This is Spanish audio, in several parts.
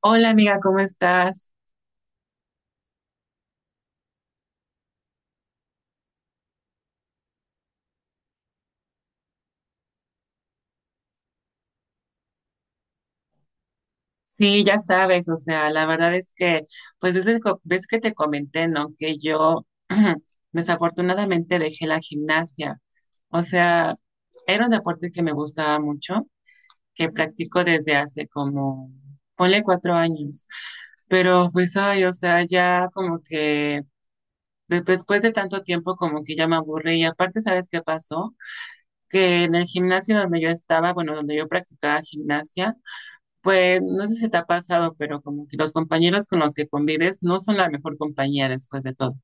Hola amiga, ¿cómo estás? Sí, ya sabes, o sea, la verdad es que, pues desde ves que te comenté, ¿no? Que yo desafortunadamente dejé la gimnasia. O sea, era un deporte que me gustaba mucho, que practico desde hace como, ponle 4 años. Pero pues, ay, o sea, ya como que después de tanto tiempo como que ya me aburrí. Y aparte, ¿sabes qué pasó? Que en el gimnasio donde yo estaba, bueno, donde yo practicaba gimnasia, pues no sé si te ha pasado, pero como que los compañeros con los que convives no son la mejor compañía después de todo.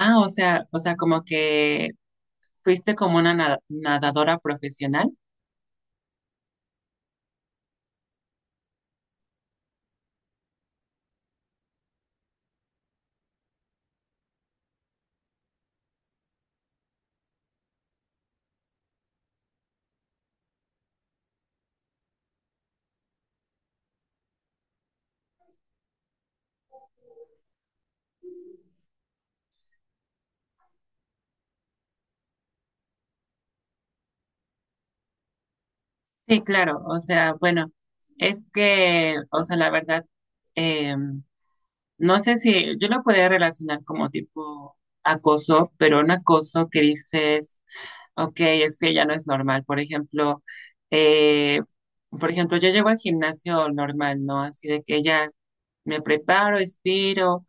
Ah, o sea, como que fuiste como una nadadora profesional. Sí, claro, o sea, bueno, es que, o sea, la verdad, eh, no sé si yo lo podría relacionar como tipo acoso, pero un acoso que dices: Ok, es que ya no es normal. Eh, por ejemplo, yo llevo al gimnasio normal, ¿no? Así de que ya me preparo, estiro,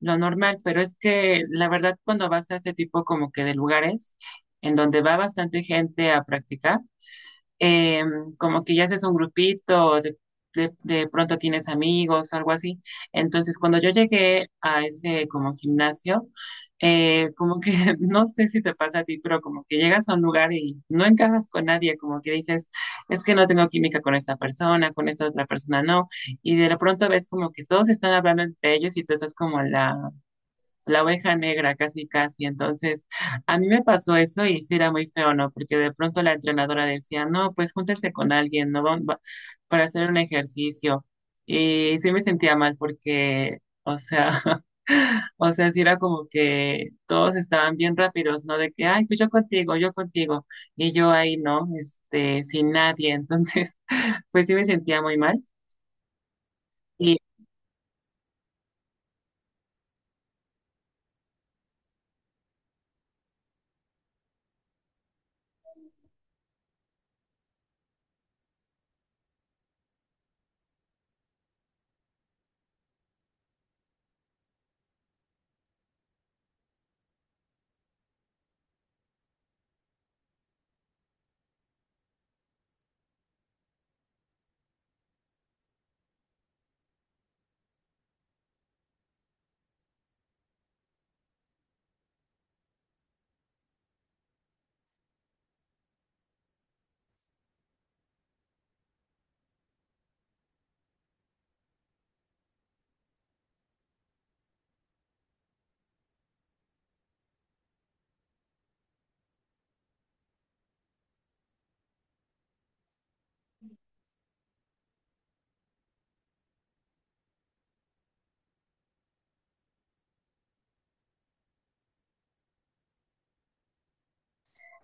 lo normal, pero es que la verdad cuando vas a este tipo como que de lugares en donde va bastante gente a practicar, eh, como que ya haces un grupito, de pronto tienes amigos, algo así. Entonces, cuando yo llegué a ese como gimnasio, como que no sé si te pasa a ti, pero como que llegas a un lugar y no encajas con nadie, como que dices, es que no tengo química con esta persona, con esta otra persona no, y de pronto ves como que todos están hablando entre ellos y tú estás como en la oveja negra, casi casi. Entonces, a mí me pasó eso y sí era muy feo, ¿no? Porque de pronto la entrenadora decía, no, pues júntense con alguien, ¿no? Para hacer un ejercicio. Y sí me sentía mal porque, o sea, o sea, sí era como que todos estaban bien rápidos, ¿no? De que, ay, pues yo contigo, yo contigo. Y yo ahí, ¿no? Este, sin nadie. Entonces, pues sí me sentía muy mal. Y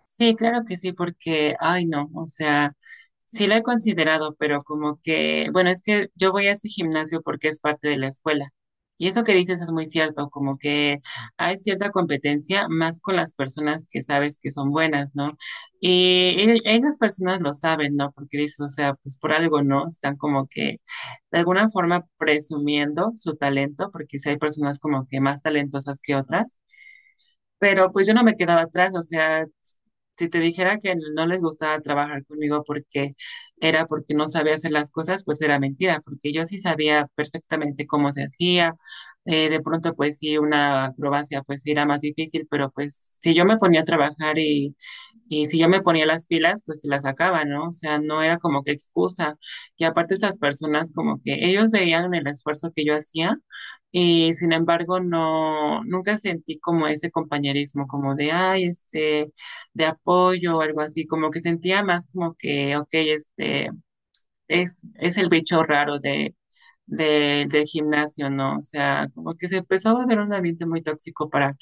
sí, claro que sí, porque, ay, no, o sea... Sí lo he considerado, pero como que, bueno, es que yo voy a ese gimnasio porque es parte de la escuela. Y eso que dices es muy cierto, como que hay cierta competencia más con las personas que sabes que son buenas, ¿no? Y esas personas lo saben, ¿no? Porque dices, o sea, pues por algo, ¿no? Están como que de alguna forma presumiendo su talento, porque si hay personas como que más talentosas que otras. Pero pues yo no me quedaba atrás, o sea, si te dijera que no les gustaba trabajar conmigo porque era porque no sabía hacer las cosas, pues era mentira, porque yo sí sabía perfectamente cómo se hacía. De pronto, pues sí, una acrobacia pues sí era más difícil, pero pues si yo me ponía a trabajar y si yo me ponía las pilas, pues se las sacaba, ¿no? O sea, no era como que excusa. Y aparte esas personas como que ellos veían el esfuerzo que yo hacía y sin embargo, no, nunca sentí como ese compañerismo, como de, ay, este, de apoyo o algo así, como que sentía más como que, ok, este, es el bicho raro de, del gimnasio, ¿no? O sea, como que se empezó a volver un ambiente muy tóxico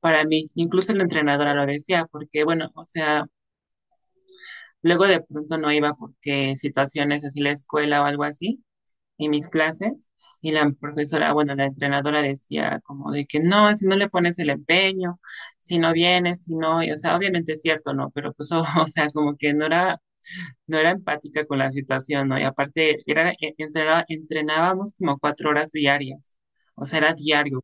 para mí, incluso la entrenadora lo decía, porque, bueno, o sea, luego de pronto no iba porque situaciones así la escuela o algo así en mis clases y la profesora, bueno, la entrenadora decía como de que no, si no le pones el empeño, si no vienes, si no, y, o sea, obviamente es cierto, ¿no? Pero pues, o, o sea, como que no era, no era empática con la situación, ¿no? Y aparte, era, entrenaba, entrenábamos como 4 horas diarias, o sea, era diario.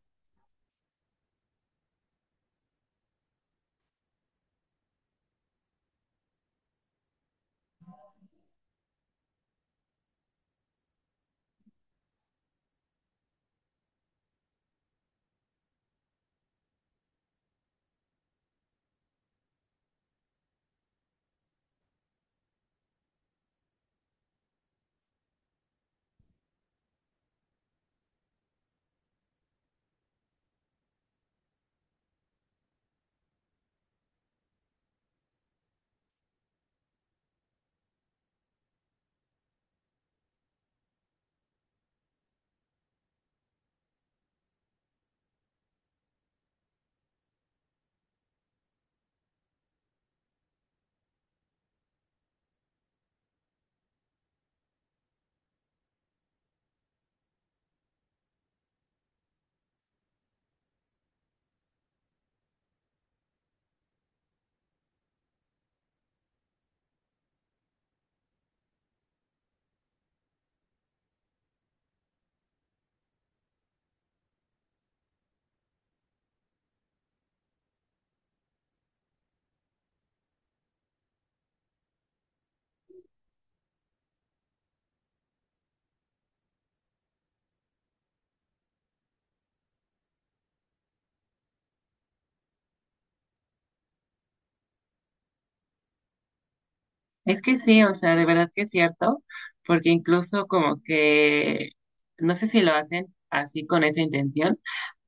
Es que sí, o sea, de verdad que es cierto, porque incluso como que, no sé si lo hacen así con esa intención,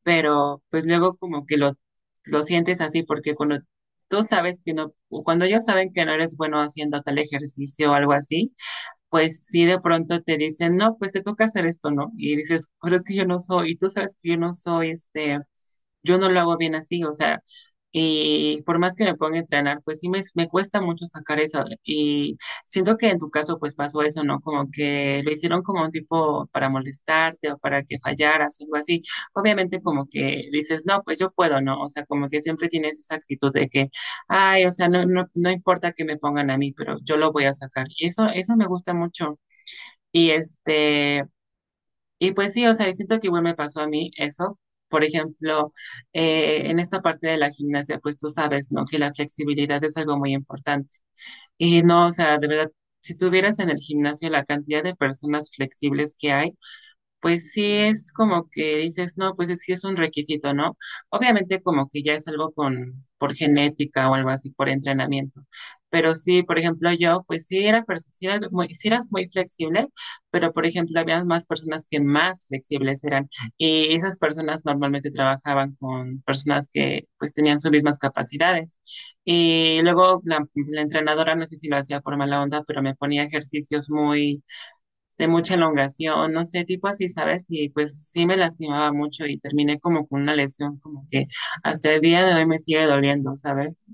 pero pues luego como que lo sientes así porque cuando tú sabes que no, o cuando ellos saben que no eres bueno haciendo tal ejercicio o algo así, pues sí de pronto te dicen, no, pues te toca hacer esto, ¿no? Y dices, pero es que yo no soy, y tú sabes que yo no soy este, yo no lo hago bien así, o sea, y por más que me ponga a entrenar, pues sí me cuesta mucho sacar eso. Y siento que en tu caso pues pasó eso, ¿no? Como que lo hicieron como un tipo para molestarte o para que fallaras o algo así. Obviamente como que dices, no, pues yo puedo, ¿no? O sea, como que siempre tienes esa actitud de que, ay, o sea, no, no, no importa que me pongan a mí, pero yo lo voy a sacar. Y eso me gusta mucho. Y este... Y pues sí, o sea, siento que igual me pasó a mí eso. Por ejemplo, en esta parte de la gimnasia, pues tú sabes, ¿no? Que la flexibilidad es algo muy importante. Y no, o sea, de verdad, si tuvieras en el gimnasio la cantidad de personas flexibles que hay, pues sí es como que dices, no, pues es que es un requisito, ¿no? Obviamente como que ya es algo con, por genética o algo así, por entrenamiento. Pero sí, por ejemplo, yo, pues sí era, sí era muy flexible, pero por ejemplo, había más personas que más flexibles eran. Y esas personas normalmente trabajaban con personas que pues tenían sus mismas capacidades. Y luego la entrenadora, no sé si lo hacía por mala onda, pero me ponía ejercicios muy de mucha elongación, no sé, tipo así, ¿sabes? Y pues sí me lastimaba mucho y terminé como con una lesión como que hasta el día de hoy me sigue doliendo, ¿sabes?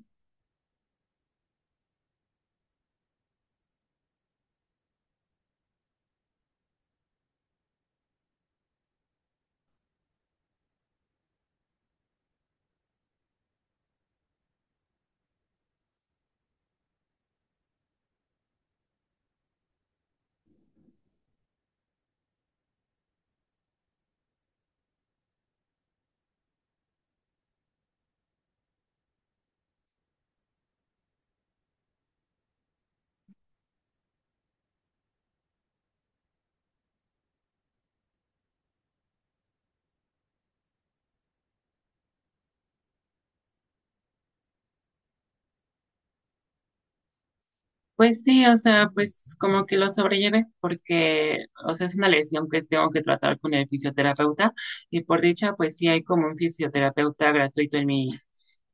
Pues sí, o sea, pues como que lo sobrellevé porque, o sea, es una lesión que tengo que tratar con el fisioterapeuta y por dicha, pues sí hay como un fisioterapeuta gratuito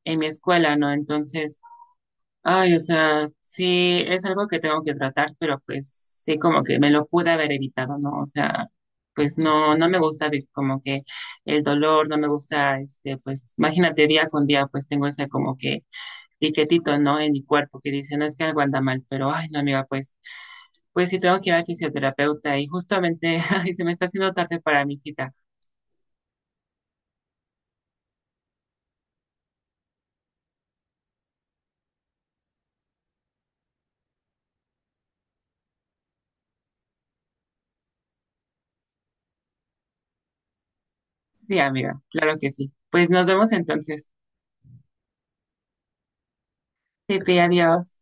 en mi escuela, ¿no? Entonces... Ay, o sea, sí, es algo que tengo que tratar, pero pues sí, como que me lo pude haber evitado, ¿no? O sea, pues no, no me gusta como que el dolor, no me gusta, este, pues imagínate día con día, pues tengo ese como que piquetito, ¿no? En mi cuerpo que dice, no es que algo anda mal, pero ay, no, amiga, pues, pues sí tengo que ir al fisioterapeuta y justamente, ay, se me está haciendo tarde para mi cita. Sí, amiga, claro que sí. Pues nos vemos entonces. Sí, sí, adiós.